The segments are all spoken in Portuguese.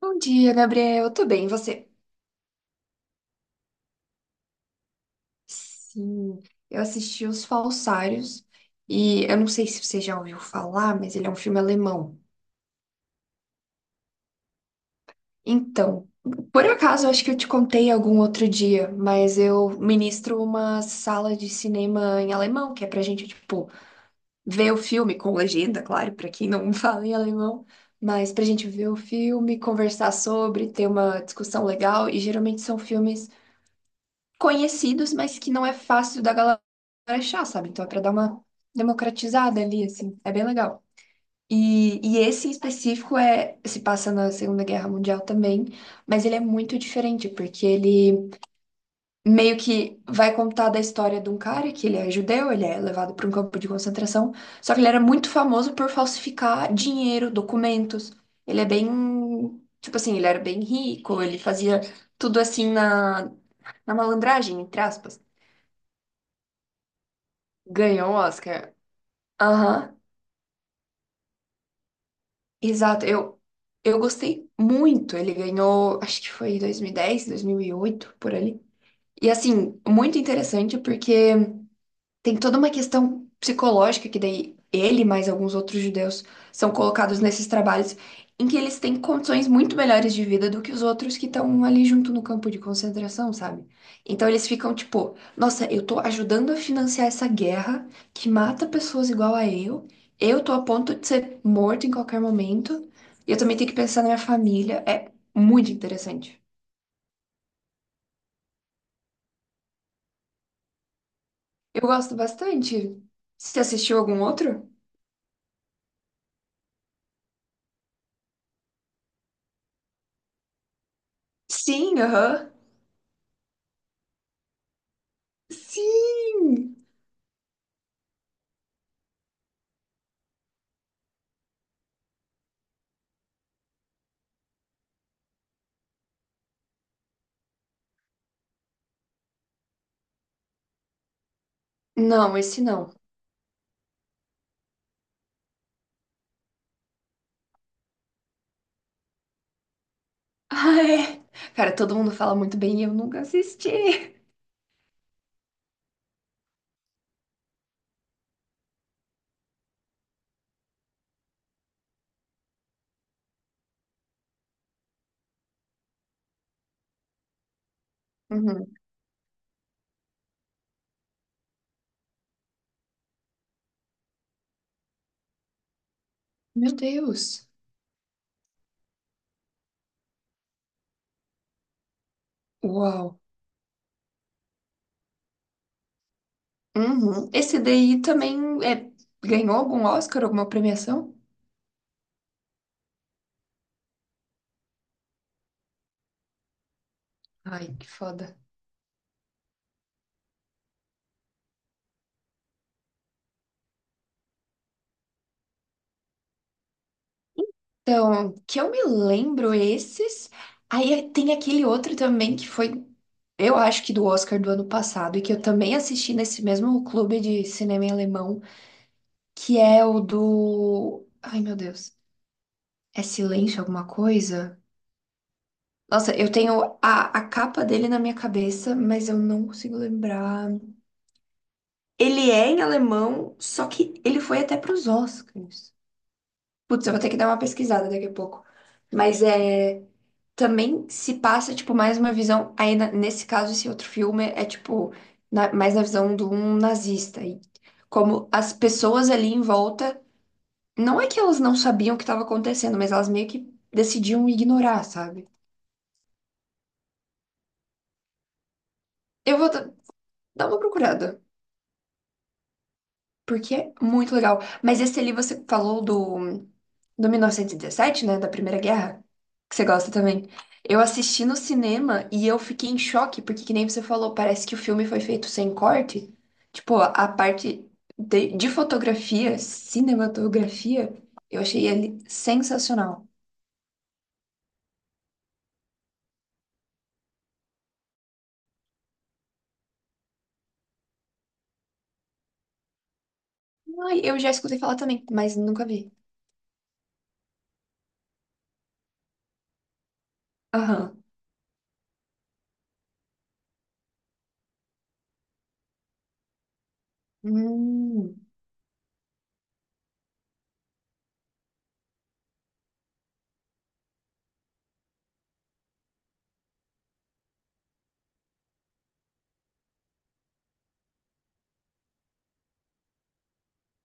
Bom dia, Gabriel. Eu tô bem, e você? Sim, eu assisti Os Falsários e eu não sei se você já ouviu falar, mas ele é um filme alemão. Então, por acaso, eu acho que eu te contei algum outro dia, mas eu ministro uma sala de cinema em alemão, que é pra gente, tipo, ver o filme com legenda, claro, pra quem não fala em alemão, mas pra gente ver o filme, conversar sobre, ter uma discussão legal, e geralmente são filmes conhecidos, mas que não é fácil da galera achar, sabe? Então é pra dar uma democratizada ali, assim. É bem legal. E esse em específico é, se passa na Segunda Guerra Mundial também, mas ele é muito diferente, porque ele meio que vai contar da história de um cara que ele é judeu, ele é levado para um campo de concentração, só que ele era muito famoso por falsificar dinheiro, documentos. Ele é bem, tipo assim, ele era bem rico, ele fazia tudo assim na malandragem, entre aspas. Ganhou o Oscar. Aham, exato. Eu gostei muito. Ele ganhou, acho que foi em 2010, 2008, por ali. E assim, muito interessante porque tem toda uma questão psicológica que daí ele, mais alguns outros judeus, são colocados nesses trabalhos em que eles têm condições muito melhores de vida do que os outros que estão ali junto no campo de concentração, sabe? Então eles ficam tipo, nossa, eu tô ajudando a financiar essa guerra que mata pessoas igual a eu tô a ponto de ser morto em qualquer momento, e eu também tenho que pensar na minha família. É muito interessante. Eu gosto bastante. Você assistiu algum outro? Sim, aham. Sim! Não, esse não. Ai, cara, todo mundo fala muito bem e eu nunca assisti. Uhum. Meu Deus. Uau. Uhum. Esse daí também é, ganhou algum Oscar, alguma premiação? Ai, que foda. Então, que eu me lembro esses. Aí tem aquele outro também que foi, eu acho que do Oscar do ano passado, e que eu também assisti nesse mesmo clube de cinema em alemão, que é o do. Ai, meu Deus. É silêncio alguma coisa? Nossa, eu tenho a capa dele na minha cabeça, mas eu não consigo lembrar. Ele é em alemão, só que ele foi até pros Oscars. Putz, eu vou ter que dar uma pesquisada daqui a pouco. Mas é. Também se passa, tipo, mais uma visão. Aí, nesse caso, esse outro filme é, tipo, mais na visão de um nazista. E como as pessoas ali em volta. Não é que elas não sabiam o que estava acontecendo, mas elas meio que decidiam ignorar, sabe? Eu vou, dá uma procurada, porque é muito legal. Mas esse ali você falou do 1917, né? Da Primeira Guerra, que você gosta também. Eu assisti no cinema e eu fiquei em choque, porque, que nem você falou, parece que o filme foi feito sem corte. Tipo, a parte de fotografia, cinematografia, eu achei ele sensacional. Ai, eu já escutei falar também, mas nunca vi. Aham. Hum.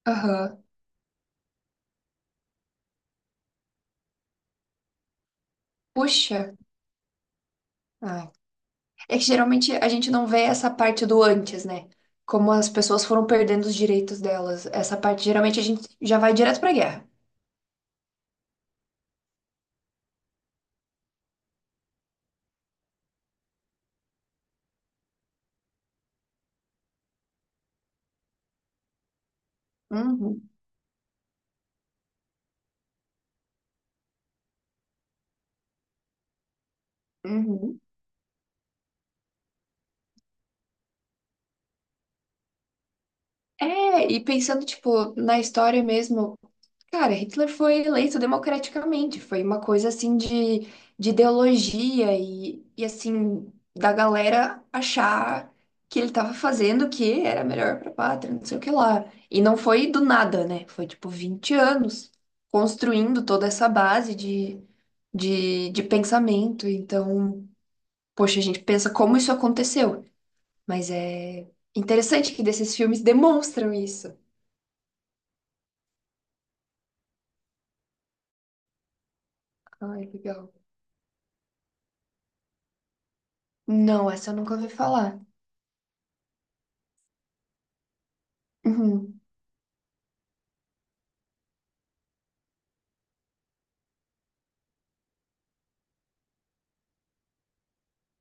Aham. Puxa. Ah, é que geralmente a gente não vê essa parte do antes, né? Como as pessoas foram perdendo os direitos delas. Essa parte, geralmente, a gente já vai direto pra guerra. Uhum, uhum. É, e pensando, tipo, na história mesmo. Cara, Hitler foi eleito democraticamente, foi uma coisa assim de ideologia e assim, da galera achar que ele estava fazendo o que era melhor para a pátria, não sei o que lá. E não foi do nada, né? Foi tipo 20 anos construindo toda essa base de pensamento. Então, poxa, a gente pensa como isso aconteceu, mas é interessante que desses filmes demonstram isso. Ai, legal. Não, essa eu nunca ouvi falar. Uhum.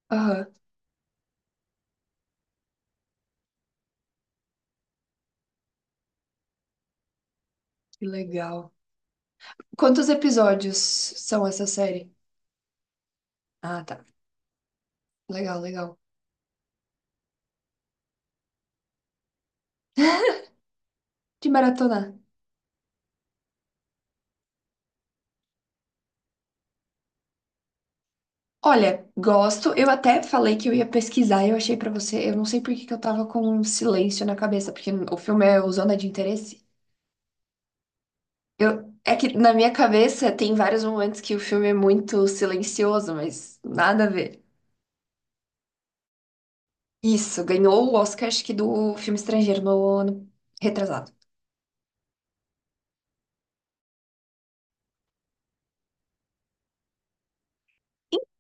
Aham, que legal. Quantos episódios são essa série? Ah, tá. Legal, legal. De maratonar. Olha, gosto. Eu até falei que eu ia pesquisar, e eu achei pra você. Eu não sei por que que eu tava com um silêncio na cabeça, porque o filme é o Zona de Interesse. Eu, é que na minha cabeça tem vários momentos que o filme é muito silencioso, mas nada a ver. Isso, ganhou o Oscar, acho que do filme estrangeiro no ano retrasado.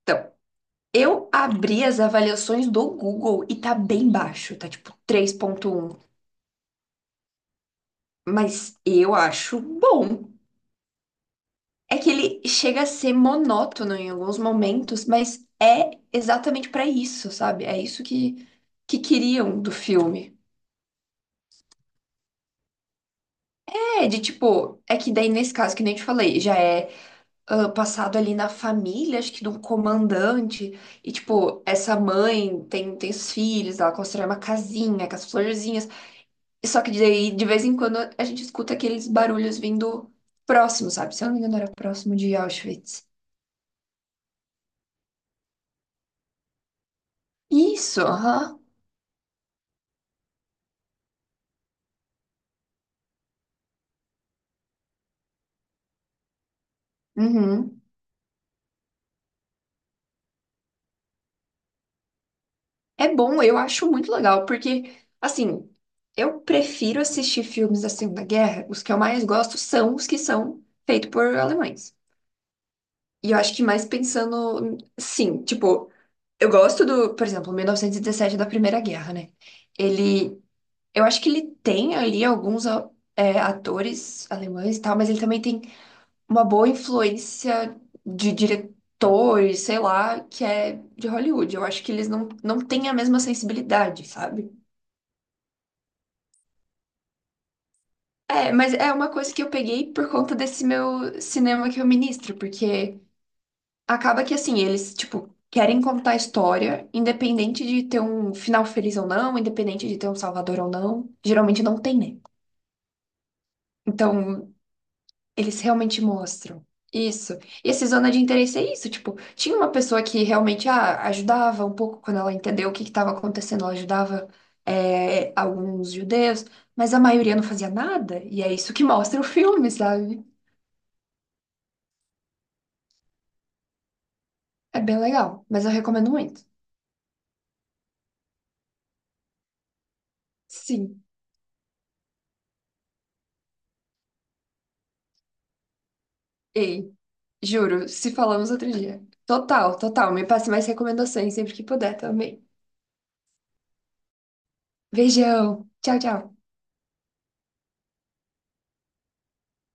Então. Eu abri as avaliações do Google e tá bem baixo, tá tipo três ponto um, mas eu acho bom. É que ele chega a ser monótono em alguns momentos, mas é exatamente pra isso, sabe? É isso que queriam do filme. É, de tipo, é que daí nesse caso que nem eu te falei, já é ah, passado ali na família, acho que de um comandante, e tipo, essa mãe tem os filhos, ela constrói uma casinha com as florzinhas. Só que daí, de vez em quando, a gente escuta aqueles barulhos vindo próximo, sabe? Se eu não me engano, era próximo de Auschwitz. Isso, aham. Uhum. É bom, eu acho muito legal, porque, assim, eu prefiro assistir filmes da Segunda Guerra. Os que eu mais gosto são os que são feitos por alemães. E eu acho que mais pensando, sim, tipo, eu gosto do, por exemplo, 1917 da Primeira Guerra, né? Ele eu acho que ele tem ali alguns é, atores alemães e tal, mas ele também tem uma boa influência de diretores, sei lá, que é de Hollywood. Eu acho que eles não têm a mesma sensibilidade, sabe? É, mas é uma coisa que eu peguei por conta desse meu cinema que eu ministro, porque acaba que assim, eles, tipo, querem contar a história, independente de ter um final feliz ou não, independente de ter um salvador ou não. Geralmente não tem, né? Então. Eles realmente mostram. Isso. E esse Zona de Interesse é isso. Tipo, tinha uma pessoa que realmente ah, ajudava um pouco quando ela entendeu o que estava acontecendo. Ela ajudava é, alguns judeus, mas a maioria não fazia nada. E é isso que mostra o filme, sabe? É bem legal, mas eu recomendo muito. Sim. Ei, juro, se falamos outro dia. Total, total. Me passe mais recomendações sempre que puder também. Beijão. Tchau, tchau.